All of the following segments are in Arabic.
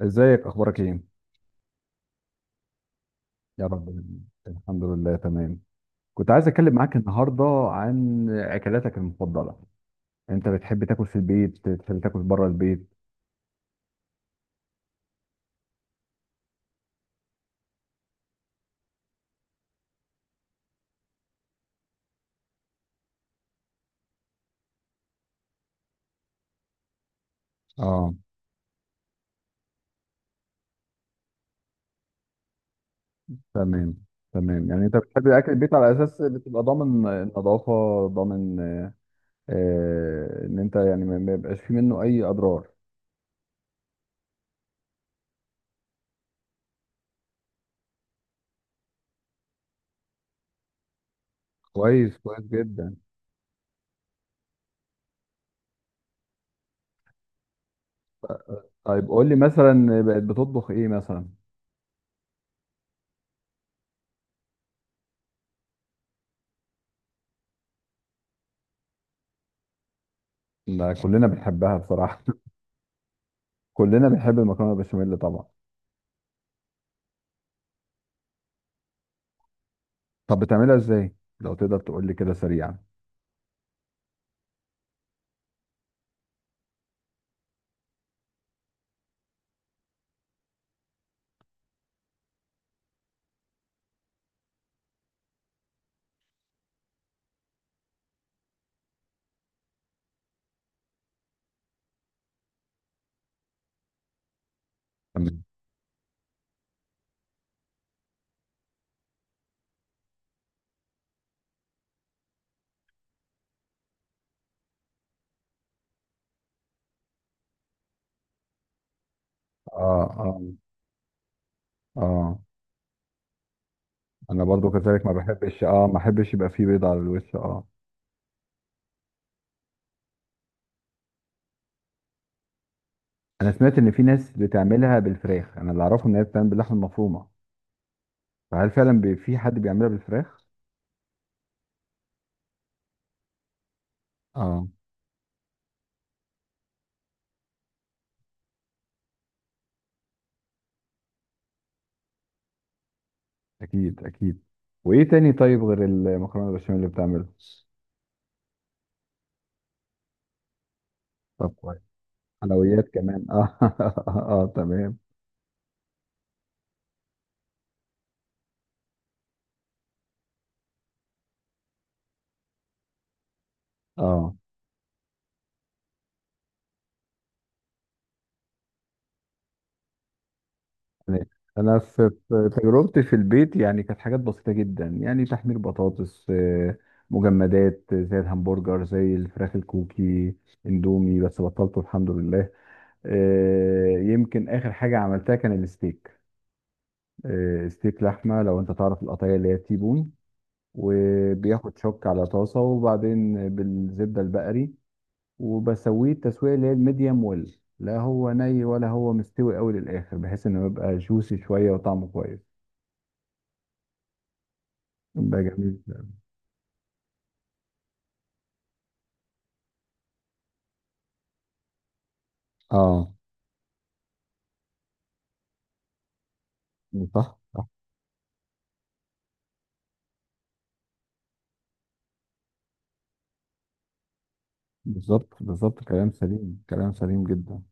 ازيك اخبارك ايه؟ يا رب الحمد لله تمام. كنت عايز اتكلم معاك النهارده عن اكلاتك المفضله. انت بتحب تاكل في البيت، بتحب تاكل بره البيت؟ اه، تمام تمام. يعني انت بتحب اكل البيت على اساس بتبقى ضامن النظافه، ضامن. ان انت يعني ما يبقاش في منه اي اضرار. كويس، كويس جدا. طيب قول لي مثلا بقت بتطبخ ايه مثلا؟ ده كلنا بنحبها بصراحه. كلنا بنحب المكرونه البشاميل طبعا. طب بتعملها ازاي لو تقدر تقول لي كده سريعا؟ تمام. اه، اه، اه. انا برضو كذلك، ما بحبش، اه، ما بحبش يبقى فيه بيض على الوش، اه. انا سمعت ان في ناس بتعملها بالفراخ، انا اللي اعرفه ان هي بتعمل باللحمه المفرومه، فهل فعلا في حد بيعملها بالفراخ؟ اه. اكيد اكيد. وايه تاني طيب غير المكرونه البشاميل اللي بتعمله؟ طب كويس، حلويات كمان اه. اه، تمام، اه. ماشي. انا في تجربتي في البيت يعني كانت حاجات بسيطه جدا، يعني تحمير بطاطس، مجمدات، زي الهمبرجر، زي الفراخ الكوكي، اندومي بس بطلته الحمد لله. يمكن اخر حاجه عملتها كان الستيك. ستيك لحمه، لو انت تعرف القطعيه اللي هي تيبون، وبياخد شوك على طاسه وبعدين بالزبده البقري، وبسويه التسويه اللي هي الميديم ويل، لا هو ني ولا هو مستوي قوي للاخر، بحيث انه يبقى جوسي شويه وطعمه كويس. ده جميل. اه، صح صح. بالظبط بالظبط، كلام سليم، كلام سليم جدا.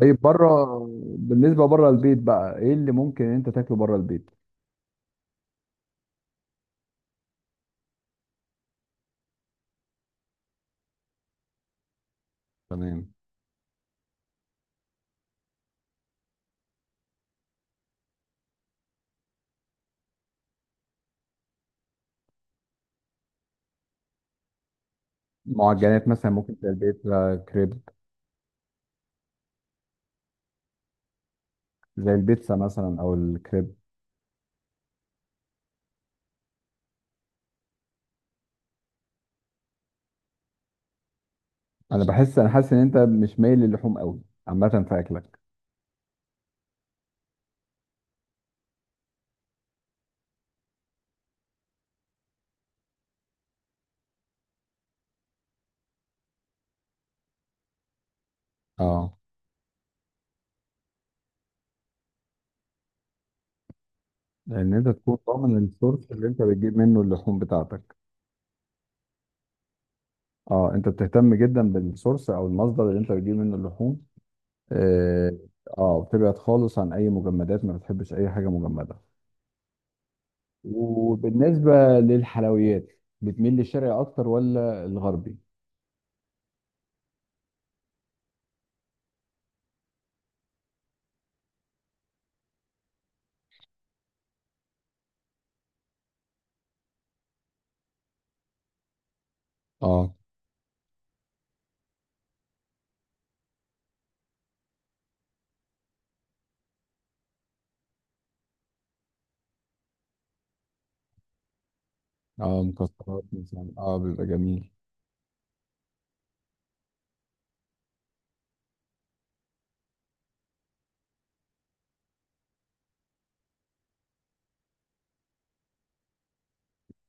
طيب بره، بالنسبه بره البيت بقى ايه اللي ممكن انت تاكله بره البيت؟ تمام. معجنات مثلا، ممكن زي البيتزا، كريب، زي البيتزا مثلا او الكريب. انا بحس، انا حاسس ان انت مش مايل للحوم قوي عامه في اكلك. اه، لان انت تكون ضامن السورس اللي انت بتجيب منه اللحوم بتاعتك. اه، انت بتهتم جدا بالسورس او المصدر اللي انت بتجيب منه اللحوم. اه. بتبعد خالص عن اي مجمدات، ما بتحبش اي حاجه مجمده. وبالنسبه للحلويات بتميل للشرقي اكتر ولا الغربي؟ اه. اه، مكسرات مثلا، اه بيبقى جميل.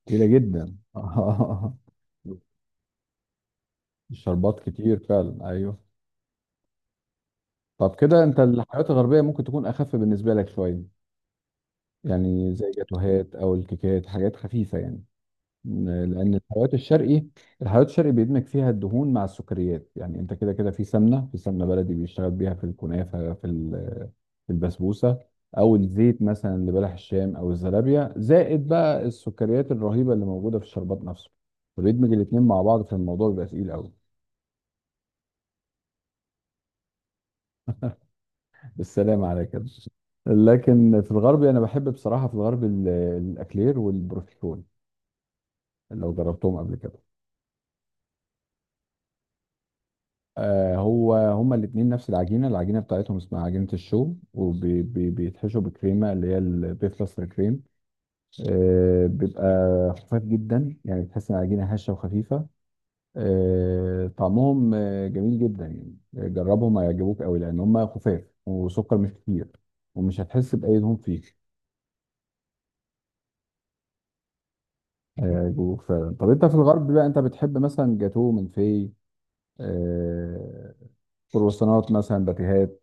كتيره جدا. آه. الشربات كتير فعلا ايوه. طب كده انت الحلويات الغربيه ممكن تكون اخف بالنسبه لك شويه، يعني زي جاتوهات او الكيكات، حاجات خفيفه يعني. لان الحلويات الشرقي، الحلويات الشرقي بيدمج فيها الدهون مع السكريات، يعني انت كده كده في سمنه، في سمنه بلدي بيشتغل بيها في الكنافه، في في البسبوسه، او الزيت مثلا اللي بلح الشام او الزلابيه، زائد بقى السكريات الرهيبه اللي موجوده في الشربات نفسه، فبيدمج الاثنين مع بعض فالموضوع بيبقى تقيل قوي. بالسلامه على كده. لكن في الغرب انا بحب بصراحه، في الغرب الاكلير والبروفيترول، لو جربتهم قبل كده. هو هما الاثنين نفس العجينه، العجينه بتاعتهم اسمها عجينه الشو، وبيتحشوا بكريمه اللي هي البيفلستر كريم، بيبقى خفيف جدا يعني، بتحس ان العجينه هشه وخفيفه، طعمهم جميل جدا يعني. جربهم هيعجبوك قوي، لان هما خفاف وسكر مش كتير ومش هتحس باي دهون فيه. هيعجبوك فعلا. طب انت في الغرب بقى انت بتحب مثلا جاتوه من في، آه، كرواسونات مثلا، باتيهات؟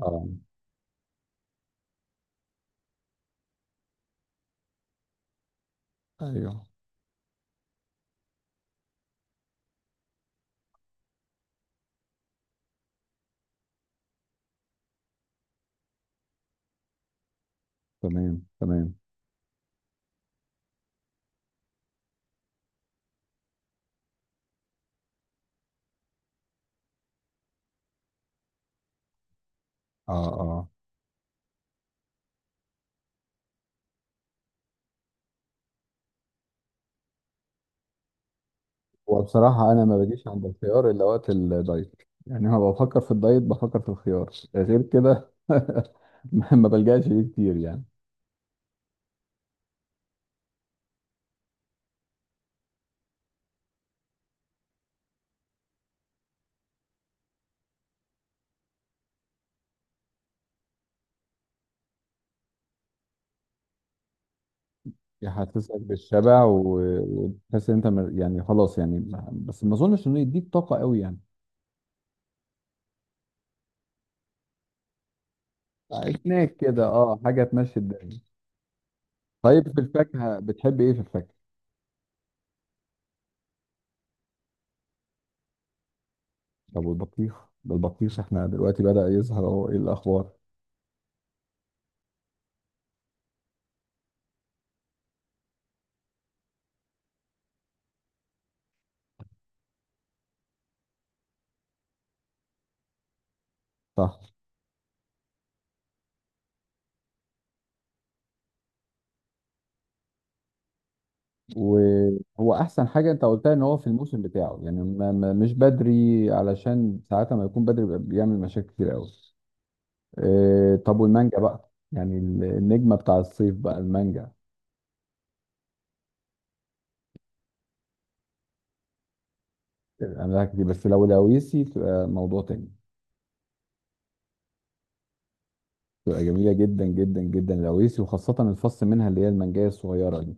اه، ايوه. تمام تمام. اه، اه. وبصراحة أنا ما باجيش عند الخيار إلا وقت الدايت، يعني أنا بفكر في الدايت بفكر في الخيار، غير كده ما بلجأش ليه كتير يعني. يحسسك بالشبع وتحس إن أنت يعني خلاص يعني بس ما أظنش إنه يديك طاقة قوي يعني. سناك كده، أه، حاجة تمشي الدنيا. طيب في الفاكهة بتحب إيه في الفاكهة؟ طب والبطيخ؟ ده البطيخ إحنا دلوقتي بدأ يظهر أهو، إيه الأخبار؟ صح. وهو احسن حاجه انت قلتها ان هو في الموسم بتاعه، يعني مش بدري، علشان ساعات ما يكون بدري بيبقى بيعمل مشاكل كتير قوي. إيه طب والمانجا بقى، يعني النجمه بتاع الصيف بقى المانجا. عملها كتير بس لو لاويسي تبقى موضوع تاني. تبقى جميله جدا جدا جدا لاويسي، وخاصه الفص منها اللي هي المانجايه الصغيره دي،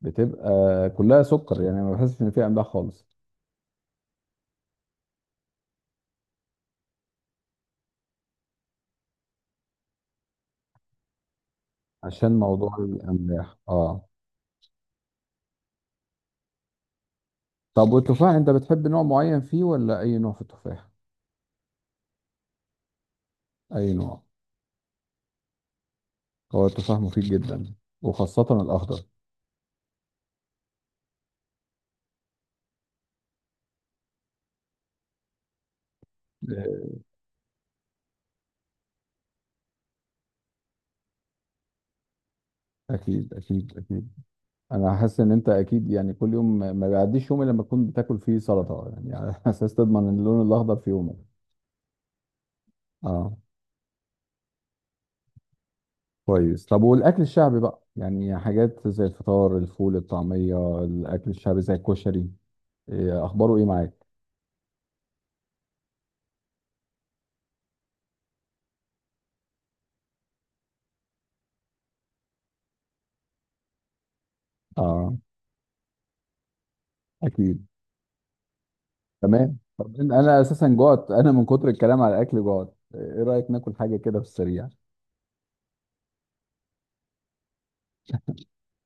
بتبقى كلها سكر يعني ما بحسش ان فيها املاح خالص. عشان موضوع الاملاح اه. طب والتفاح انت بتحب نوع معين فيه ولا اي نوع في التفاح؟ اي نوع. هو التفاح مفيد جدا، وخاصة الأخضر. أكيد أكيد أكيد. أنا حاسس إن أنت أكيد يعني كل يوم ما بيعديش يوم إلا لما تكون بتاكل فيه سلطة، يعني على أساس تضمن اللون الأخضر في يومك. أه، كويس. طب والأكل الشعبي بقى، يعني حاجات زي الفطار، الفول، الطعمية، الأكل الشعبي زي الكشري، إيه أخباره إيه معاك؟ أه. أكيد. تمام. طب أنا أساسا جوعت، أنا من كتر الكلام على الأكل جوعت، إيه رأيك ناكل حاجة كده في السريع؟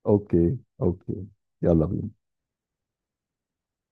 أوكي أوكي، يلا بينا.